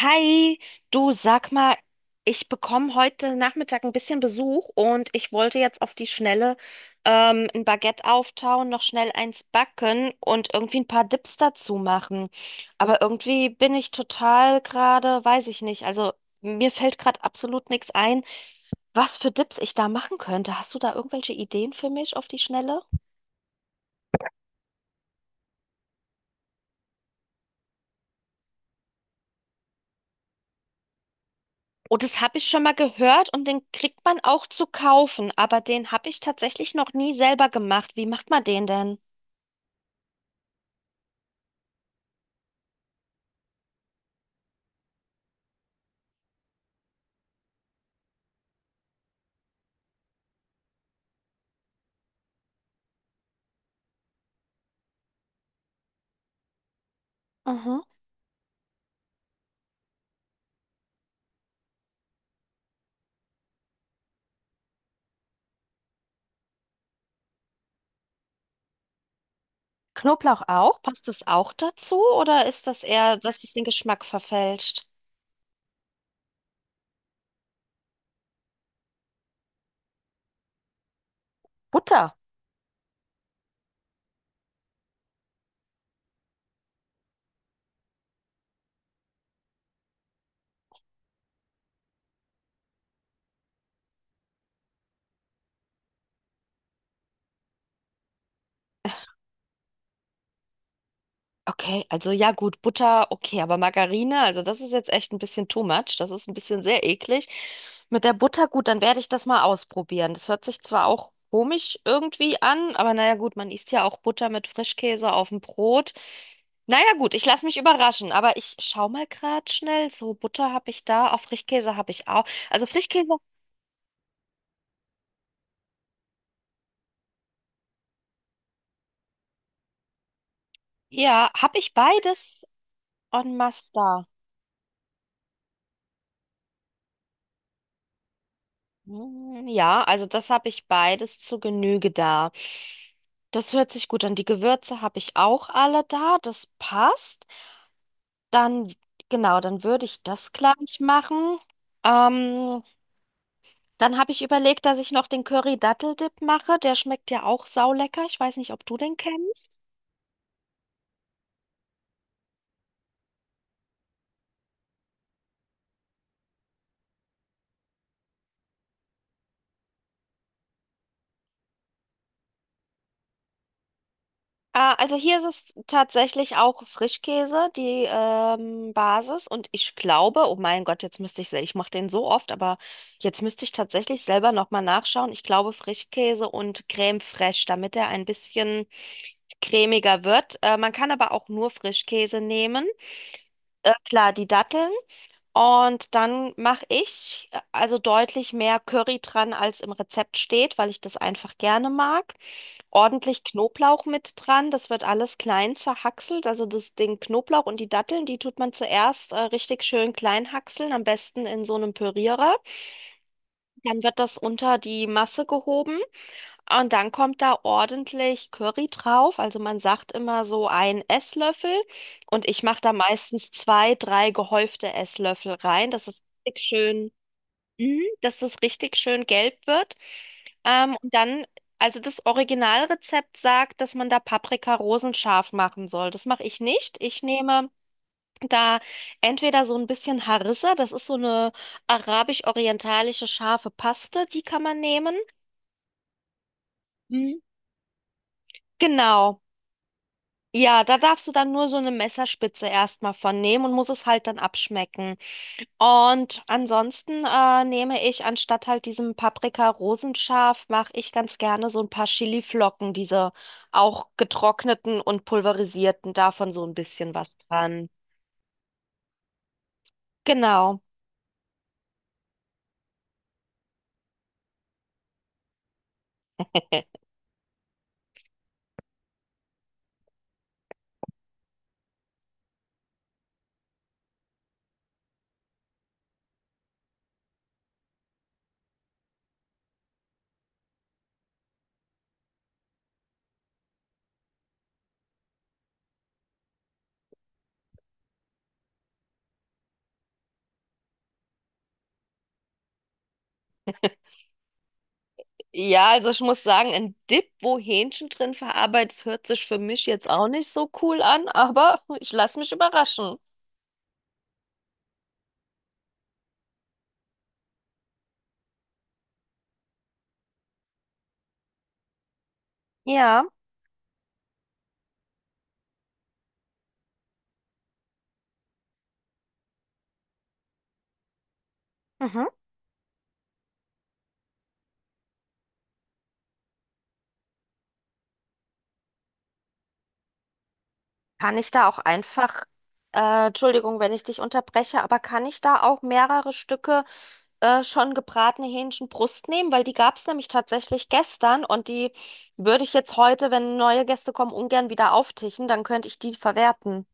Hi, du sag mal, ich bekomme heute Nachmittag ein bisschen Besuch und ich wollte jetzt auf die Schnelle ein Baguette auftauen, noch schnell eins backen und irgendwie ein paar Dips dazu machen. Aber irgendwie bin ich total gerade, weiß ich nicht, also mir fällt gerade absolut nichts ein, was für Dips ich da machen könnte. Hast du da irgendwelche Ideen für mich auf die Schnelle? Oh, das habe ich schon mal gehört und den kriegt man auch zu kaufen, aber den habe ich tatsächlich noch nie selber gemacht. Wie macht man den denn? Mhm. Knoblauch auch? Passt das auch dazu oder ist das eher, dass es den Geschmack verfälscht? Butter. Okay, also ja gut, Butter, okay, aber Margarine, also das ist jetzt echt ein bisschen too much. Das ist ein bisschen sehr eklig. Mit der Butter, gut, dann werde ich das mal ausprobieren. Das hört sich zwar auch komisch irgendwie an, aber naja gut, man isst ja auch Butter mit Frischkäse auf dem Brot. Naja gut, ich lasse mich überraschen, aber ich schau mal gerade schnell. So, Butter habe ich da, auch Frischkäse habe ich auch. Also Frischkäse, ja, habe ich beides en masse da. Hm, ja, also das habe ich beides zu Genüge da. Das hört sich gut an. Die Gewürze habe ich auch alle da, das passt. Dann, genau, dann würde ich das gleich machen. Ähm, Dann habe ich überlegt, dass ich noch den Curry-Dattel-Dip mache. Der schmeckt ja auch saulecker. Ich weiß nicht, ob du den kennst. Ah, also hier ist es tatsächlich auch Frischkäse, die Basis. Und ich glaube, oh mein Gott, jetzt müsste ich, ich mache den so oft, aber jetzt müsste ich tatsächlich selber nochmal nachschauen. Ich glaube Frischkäse und Creme fraiche, damit er ein bisschen cremiger wird. Man kann aber auch nur Frischkäse nehmen. Klar, die Datteln. Und dann mache ich also deutlich mehr Curry dran, als im Rezept steht, weil ich das einfach gerne mag. Ordentlich Knoblauch mit dran, das wird alles klein zerhackselt. Also das, den Knoblauch und die Datteln, die tut man zuerst richtig schön klein hackseln, am besten in so einem Pürierer. Dann wird das unter die Masse gehoben. Und dann kommt da ordentlich Curry drauf. Also man sagt immer so ein Esslöffel. Und ich mache da meistens zwei, drei gehäufte Esslöffel rein, dass es richtig schön, mhm, dass es richtig schön gelb wird. Ähm, und dann, also das Originalrezept sagt, dass man da Paprika rosenscharf machen soll. Das mache ich nicht. Ich nehme da entweder so ein bisschen Harissa, das ist so eine arabisch-orientalische scharfe Paste, die kann man nehmen. Mhm. Genau. Ja, da darfst du dann nur so eine Messerspitze erstmal von nehmen und musst es halt dann abschmecken. Und ansonsten nehme ich anstatt halt diesem Paprika-Rosenscharf, mache ich ganz gerne so ein paar Chiliflocken, diese auch getrockneten und pulverisierten, davon so ein bisschen was dran. Genau. Äh, Ja, also ich muss sagen, ein Dip, wo Hähnchen drin verarbeitet, ist, hört sich für mich jetzt auch nicht so cool an, aber ich lasse mich überraschen. Ja. Mhm. Kann ich da auch einfach, Entschuldigung, wenn ich dich unterbreche, aber kann ich da auch mehrere Stücke schon gebratene Hähnchenbrust nehmen? Weil die gab es nämlich tatsächlich gestern und die würde ich jetzt heute, wenn neue Gäste kommen, ungern wieder auftischen, dann könnte ich die verwerten.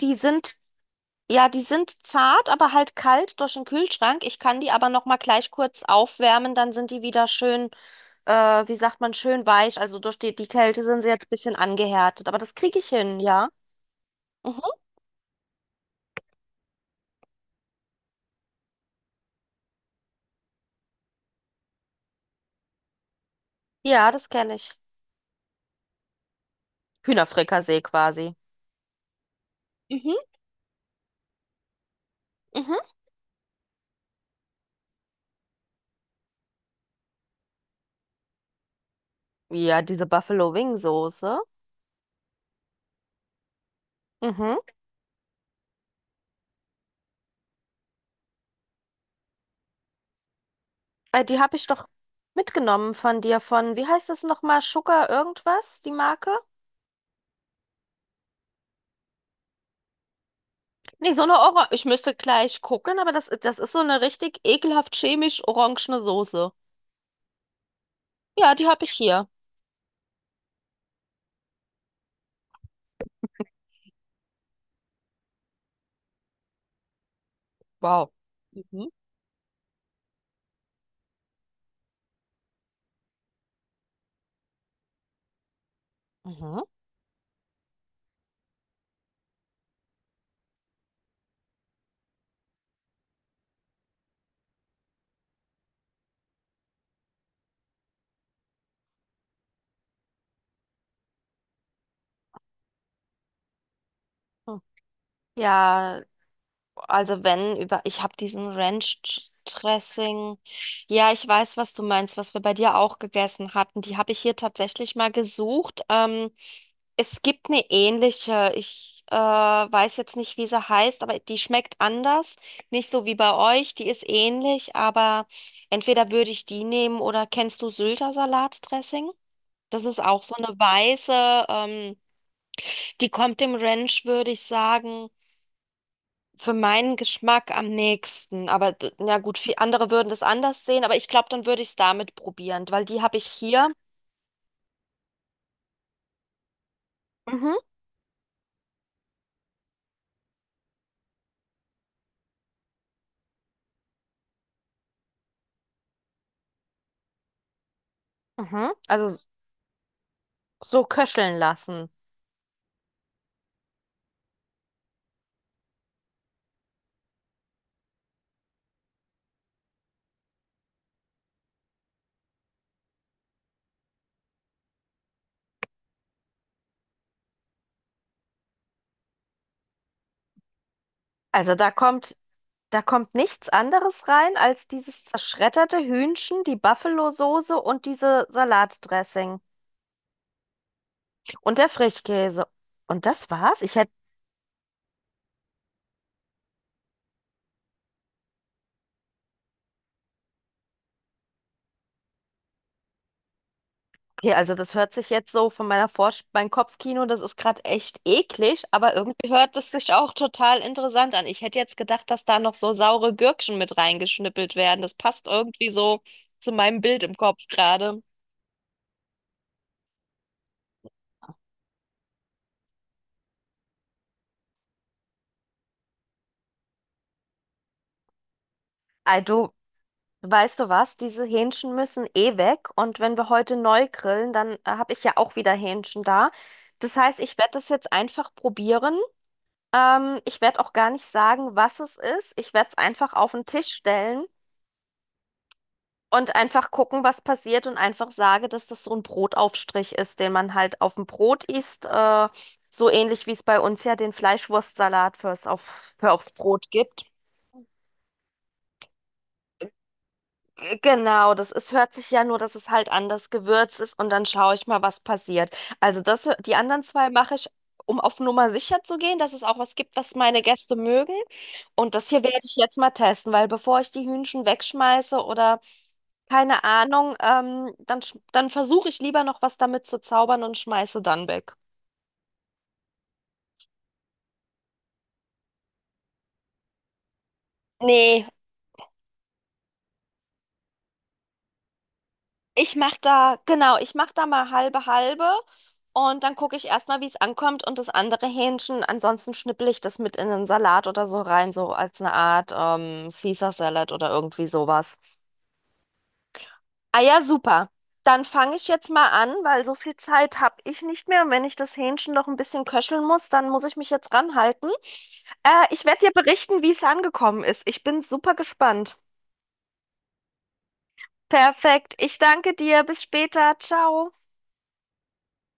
Die sind, ja, die sind zart, aber halt kalt durch den Kühlschrank. Ich kann die aber noch mal gleich kurz aufwärmen, dann sind die wieder schön, äh, wie sagt man, schön weich. Also durch die, die Kälte sind sie jetzt ein bisschen angehärtet, aber das kriege ich hin, ja. Mhm. Ja, das kenne ich. Hühnerfrikassee quasi. Mhm, mhm. Ja, diese Buffalo Wing Soße. Mhm. Die habe ich doch mitgenommen von dir von, wie heißt das nochmal? Sugar irgendwas, die Marke? Nee, so eine Orange. Ich müsste gleich gucken, aber das, das ist so eine richtig ekelhaft chemisch orangene Soße. Ja, die habe ich hier. Wow. Mhm. Mhm. Hm. Ja, also wenn über, ich habe diesen Ranch Dressing. Ja, ich weiß, was du meinst, was wir bei dir auch gegessen hatten. Die habe ich hier tatsächlich mal gesucht. Es gibt eine ähnliche. Ich weiß jetzt nicht, wie sie heißt, aber die schmeckt anders. Nicht so wie bei euch. Die ist ähnlich, aber entweder würde ich die nehmen oder kennst du Sylter Salatdressing? Das ist auch so eine weiße. Die kommt dem Ranch, würde ich sagen, für meinen Geschmack am nächsten. Aber na gut, viele andere würden das anders sehen, aber ich glaube, dann würde ich es damit probieren, weil die habe ich hier. Mhm, mhm. So köcheln lassen. Also da kommt nichts anderes rein als dieses zerschredderte Hühnchen, die Buffalo-Soße und diese Salatdressing und der Frischkäse. Und das war's. Ich hätte, okay, also das hört sich jetzt so von meiner Vorst, mein Kopfkino, das ist gerade echt eklig, aber irgendwie hört es sich auch total interessant an. Ich hätte jetzt gedacht, dass da noch so saure Gürkchen mit reingeschnippelt werden. Das passt irgendwie so zu meinem Bild im Kopf gerade. Ey, du, weißt du was? Diese Hähnchen müssen eh weg und wenn wir heute neu grillen, dann habe ich ja auch wieder Hähnchen da. Das heißt, ich werde das jetzt einfach probieren. Ich werde auch gar nicht sagen, was es ist. Ich werde es einfach auf den Tisch stellen. Und einfach gucken, was passiert und einfach sage, dass das so ein Brotaufstrich ist, den man halt auf dem Brot isst. So ähnlich wie es bei uns ja den Fleischwurstsalat fürs auf, für aufs Brot gibt. Genau, das ist, hört sich ja nur, dass es halt anders gewürzt ist und dann schaue ich mal, was passiert. Also das, die anderen zwei mache ich, um auf Nummer sicher zu gehen, dass es auch was gibt, was meine Gäste mögen. Und das hier werde ich jetzt mal testen, weil bevor ich die Hühnchen wegschmeiße oder keine Ahnung, dann, dann versuche ich lieber noch was damit zu zaubern und schmeiße dann weg. Nee, ich mach da, genau, ich mach da mal halbe halbe und dann gucke ich erstmal, wie es ankommt und das andere Hähnchen, ansonsten schnippel ich das mit in den Salat oder so rein, so als eine Art Caesar Salad oder irgendwie sowas. Ah ja, super. Dann fange ich jetzt mal an, weil so viel Zeit habe ich nicht mehr. Und wenn ich das Hähnchen noch ein bisschen köcheln muss, dann muss ich mich jetzt ranhalten. Ich werde dir berichten, wie es angekommen ist. Ich bin super gespannt. Perfekt. Ich danke dir. Bis später. Ciao.